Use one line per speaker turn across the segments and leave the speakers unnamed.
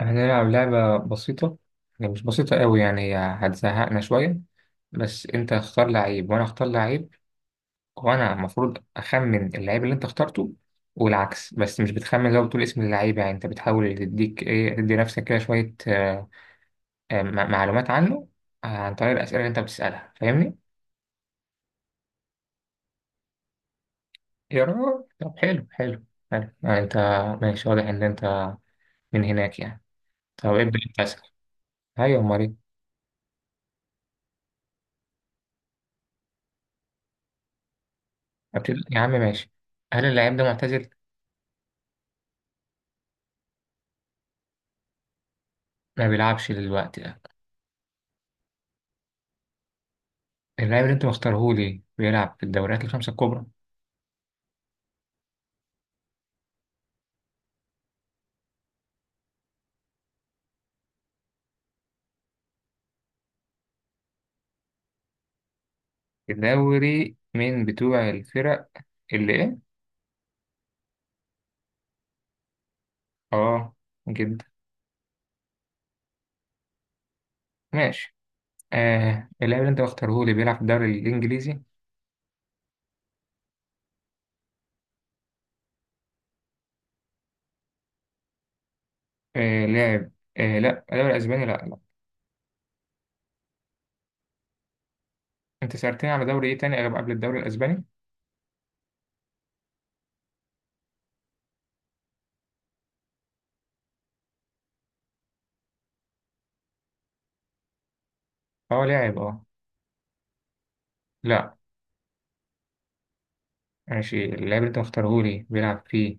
هنلعب لعبة بسيطة، يعني مش بسيطة قوي، يعني هي هتزهقنا شوية. بس أنت اختار لعيب وأنا اختار لعيب، وأنا المفروض أخمن اللعيب اللي أنت اخترته والعكس. بس مش بتخمن لو بتقول اسم اللعيب، يعني أنت بتحاول تديك إيه تدي نفسك كده شوية معلومات عنه، عن طريق الأسئلة اللي أنت بتسألها. فاهمني؟ يا راجل، طب حلو حلو. حلو، يعني أنت ماشي، واضح إن أنت من هناك يعني. طب ابدأ أنت أسأل. أيوة، أمال إيه؟ يا عم ماشي. هل اللعيب ده معتزل؟ ما بيلعبش دلوقتي، لا. اللاعب اللي انت مختارهولي بيلعب في الدوريات الخمسة الكبرى. الدوري من بتوع الفرق اللي ايه؟ اه، جدا. ماشي. اللاعب اللي انت مختارهولي بيلعب في الدوري الانجليزي. آه لاعب، آه لا، الدوري الاسباني، لا لا. انت سألتني على دوري ايه تاني غير قبل الدوري الاسباني؟ اه لاعب، اه، لا، ماشي. اللاعب اللي انت مختارهولي بيلعب في،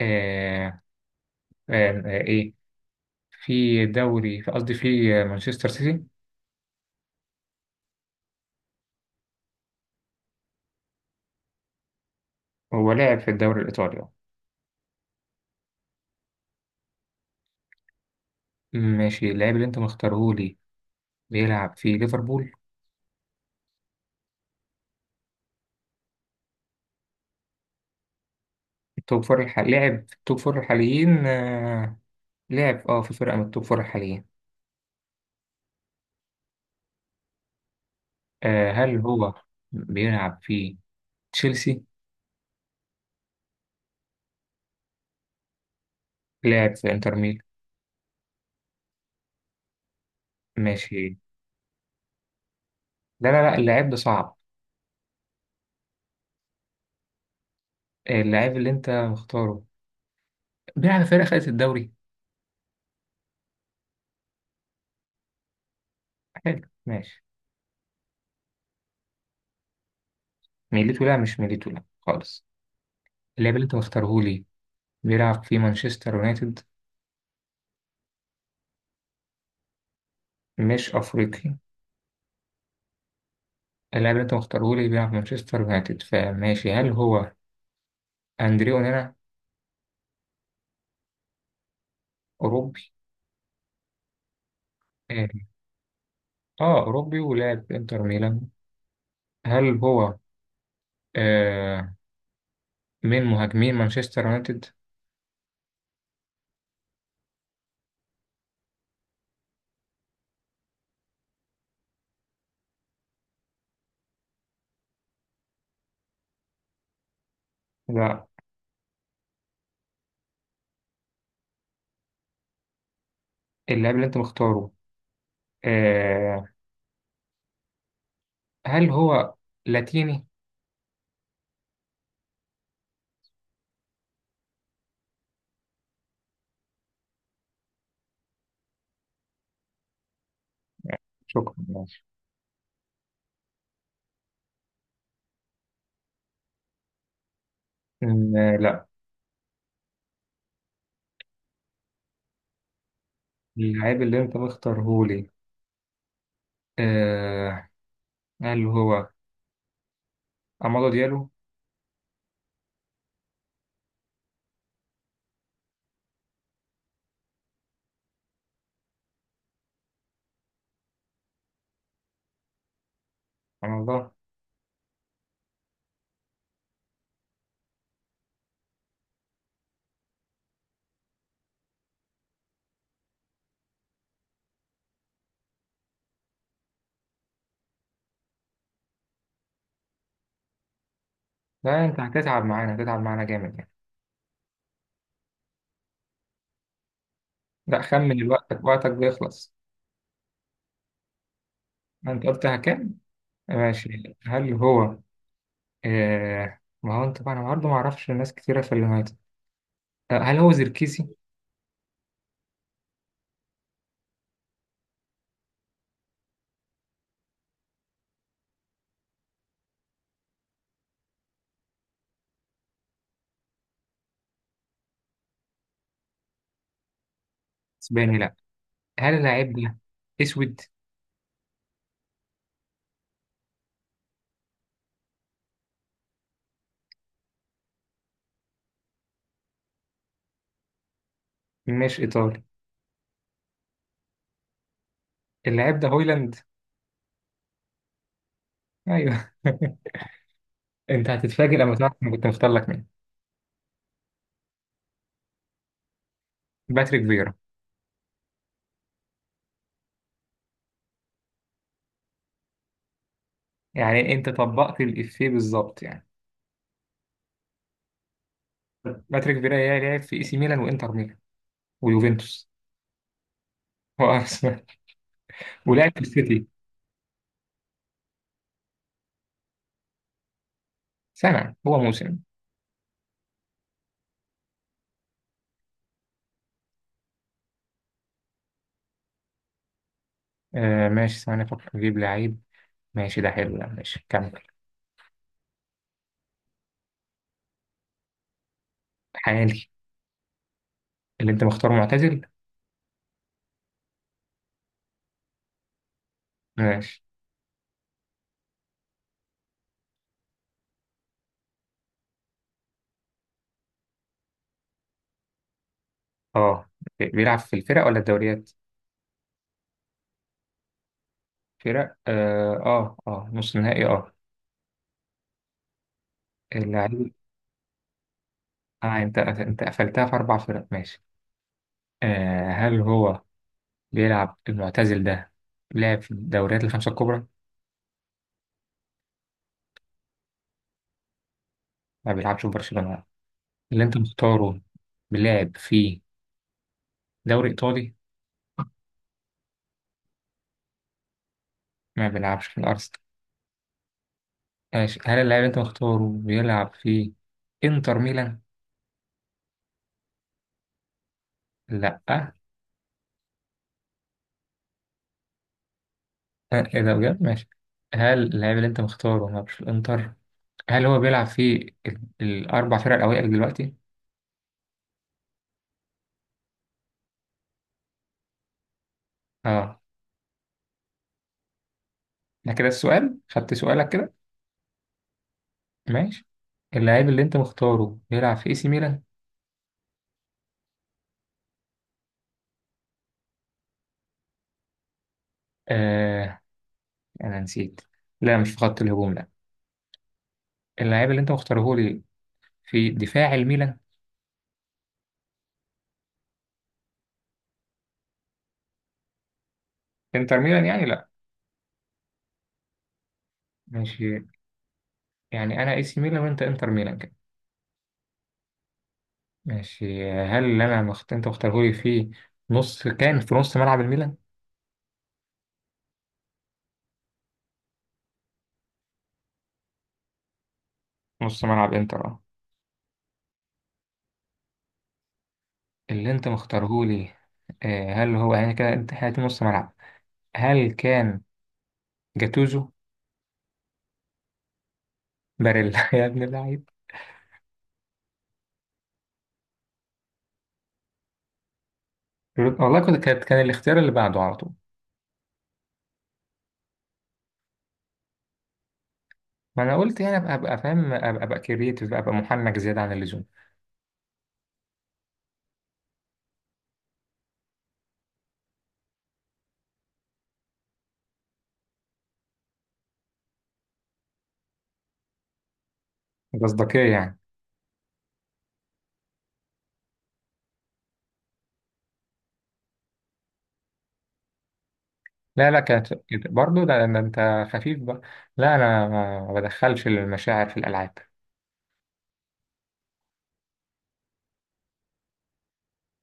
آه آه آه ايه في قصدي في مانشستر سيتي. هو لاعب في الدوري الايطالي. ماشي، اللاعب اللي انت مختاره لي بيلعب في ليفربول. لعب في التوب فور الحاليين، لعب في فرقة من التوب فور الحاليين. هل هو بيلعب في تشيلسي؟ لعب في انتر ميلان، ماشي. لا لا لا، اللاعب ده صعب. اللاعب اللي انت مختاره بيلعب في فرقة خدت الدوري. حلو ماشي. ميليتو، لا مش ميليتو، لا خالص. اللاعب اللي انت مختاره لي بيلعب في مانشستر يونايتد. مش افريقي. اللاعب اللي انت مختاره لي بيلعب في مانشستر يونايتد، فماشي، هل هو أندريه أونانا؟ أوروبي. آه أوروبي ولاعب إنتر ميلان. هل هو آه من مهاجمين مانشستر يونايتد؟ لا. اللاعب اللي أنت مختاره، آه هل هو لاتيني؟ شكرا ماشي. لا. اللاعب اللي أنت مختاره لي، آه هل هو أمادو ديالو؟ سبحان الله. لا أنت هتتعب معانا، هتتعب معانا جامد يعني. لا خمن، وقتك وقتك بيخلص. أنت قلتها كام؟ ماشي، هل هو؟ ما هو انت بقى، انا برضه ما اعرفش ناس كتيره في اللي هات. هل هو زركيسي؟ اسباني، لا. هل اللاعب ده اسود؟ مش ايطالي. اللاعب ده هويلاند. ايوه انت هتتفاجئ لما تعرف انا كنت مختار لك مين. باتريك فيرا. يعني انت طبقت الافيه بالظبط يعني. باتريك فيرا يا، لعب في اي سي ميلان وانتر ميلان ويوفنتوس وارسنال. ولعب في السيتي. سنه، هو موسم. ماشي، ثواني افكر اجيب لعيب. ماشي، ده حلو، ده ماشي، كمل. حالي. اللي انت مختاره معتزل. ماشي، اه. بيلعب في الفرق ولا الدوريات؟ فرق، نص نهائي. اه اللعيب. اه انت انت قفلتها في اربع فرق، ماشي. هل هو بيلعب، المعتزل ده، لعب في الدوريات الخمسة الكبرى؟ ما بيلعبش في برشلونة. اللي انت مختاره بيلعب في دوري ايطالي. ما بيلعبش في الارسنال. ماشي، هل اللاعب اللي انت مختاره بيلعب في انتر ميلان؟ لا. ايه ده بجد، ماشي. هل اللاعب اللي انت مختاره ما بيلعبش في الانتر؟ هل هو بيلعب في الأربع فرق الأوائل دلوقتي؟ اه. ده كده السؤال، خدت سؤالك كده. ماشي، اللاعب اللي أنت مختاره بيلعب في اي سي ميلان؟ آه أنا نسيت. لا، مش في خط الهجوم، لا. اللاعب اللي أنت مختاره لي في دفاع الميلان، انتر ميلان يعني، لا. ماشي، يعني أنا اي سي ميلان وأنت انتر ميلان كده. ماشي، هل اللي أنت مختاره لي في نص، كان في نص ملعب الميلان؟ نص ملعب انتر، اه. اللي أنت مختاره لي، هل هو، يعني كده أنت حياتي نص ملعب، هل كان جاتوزو؟ باريلا يا ابن اللعيب. والله كنت، كان الاختيار اللي بعده على طول. ما انا قلت يعني ابقى فاهم، ابقى كرييتيف، ابقى محنك زياده عن اللزوم. مصداقيه يعني. لا لا، كانت برضه ده انت خفيف بقى. لا انا ما بدخلش المشاعر في الالعاب.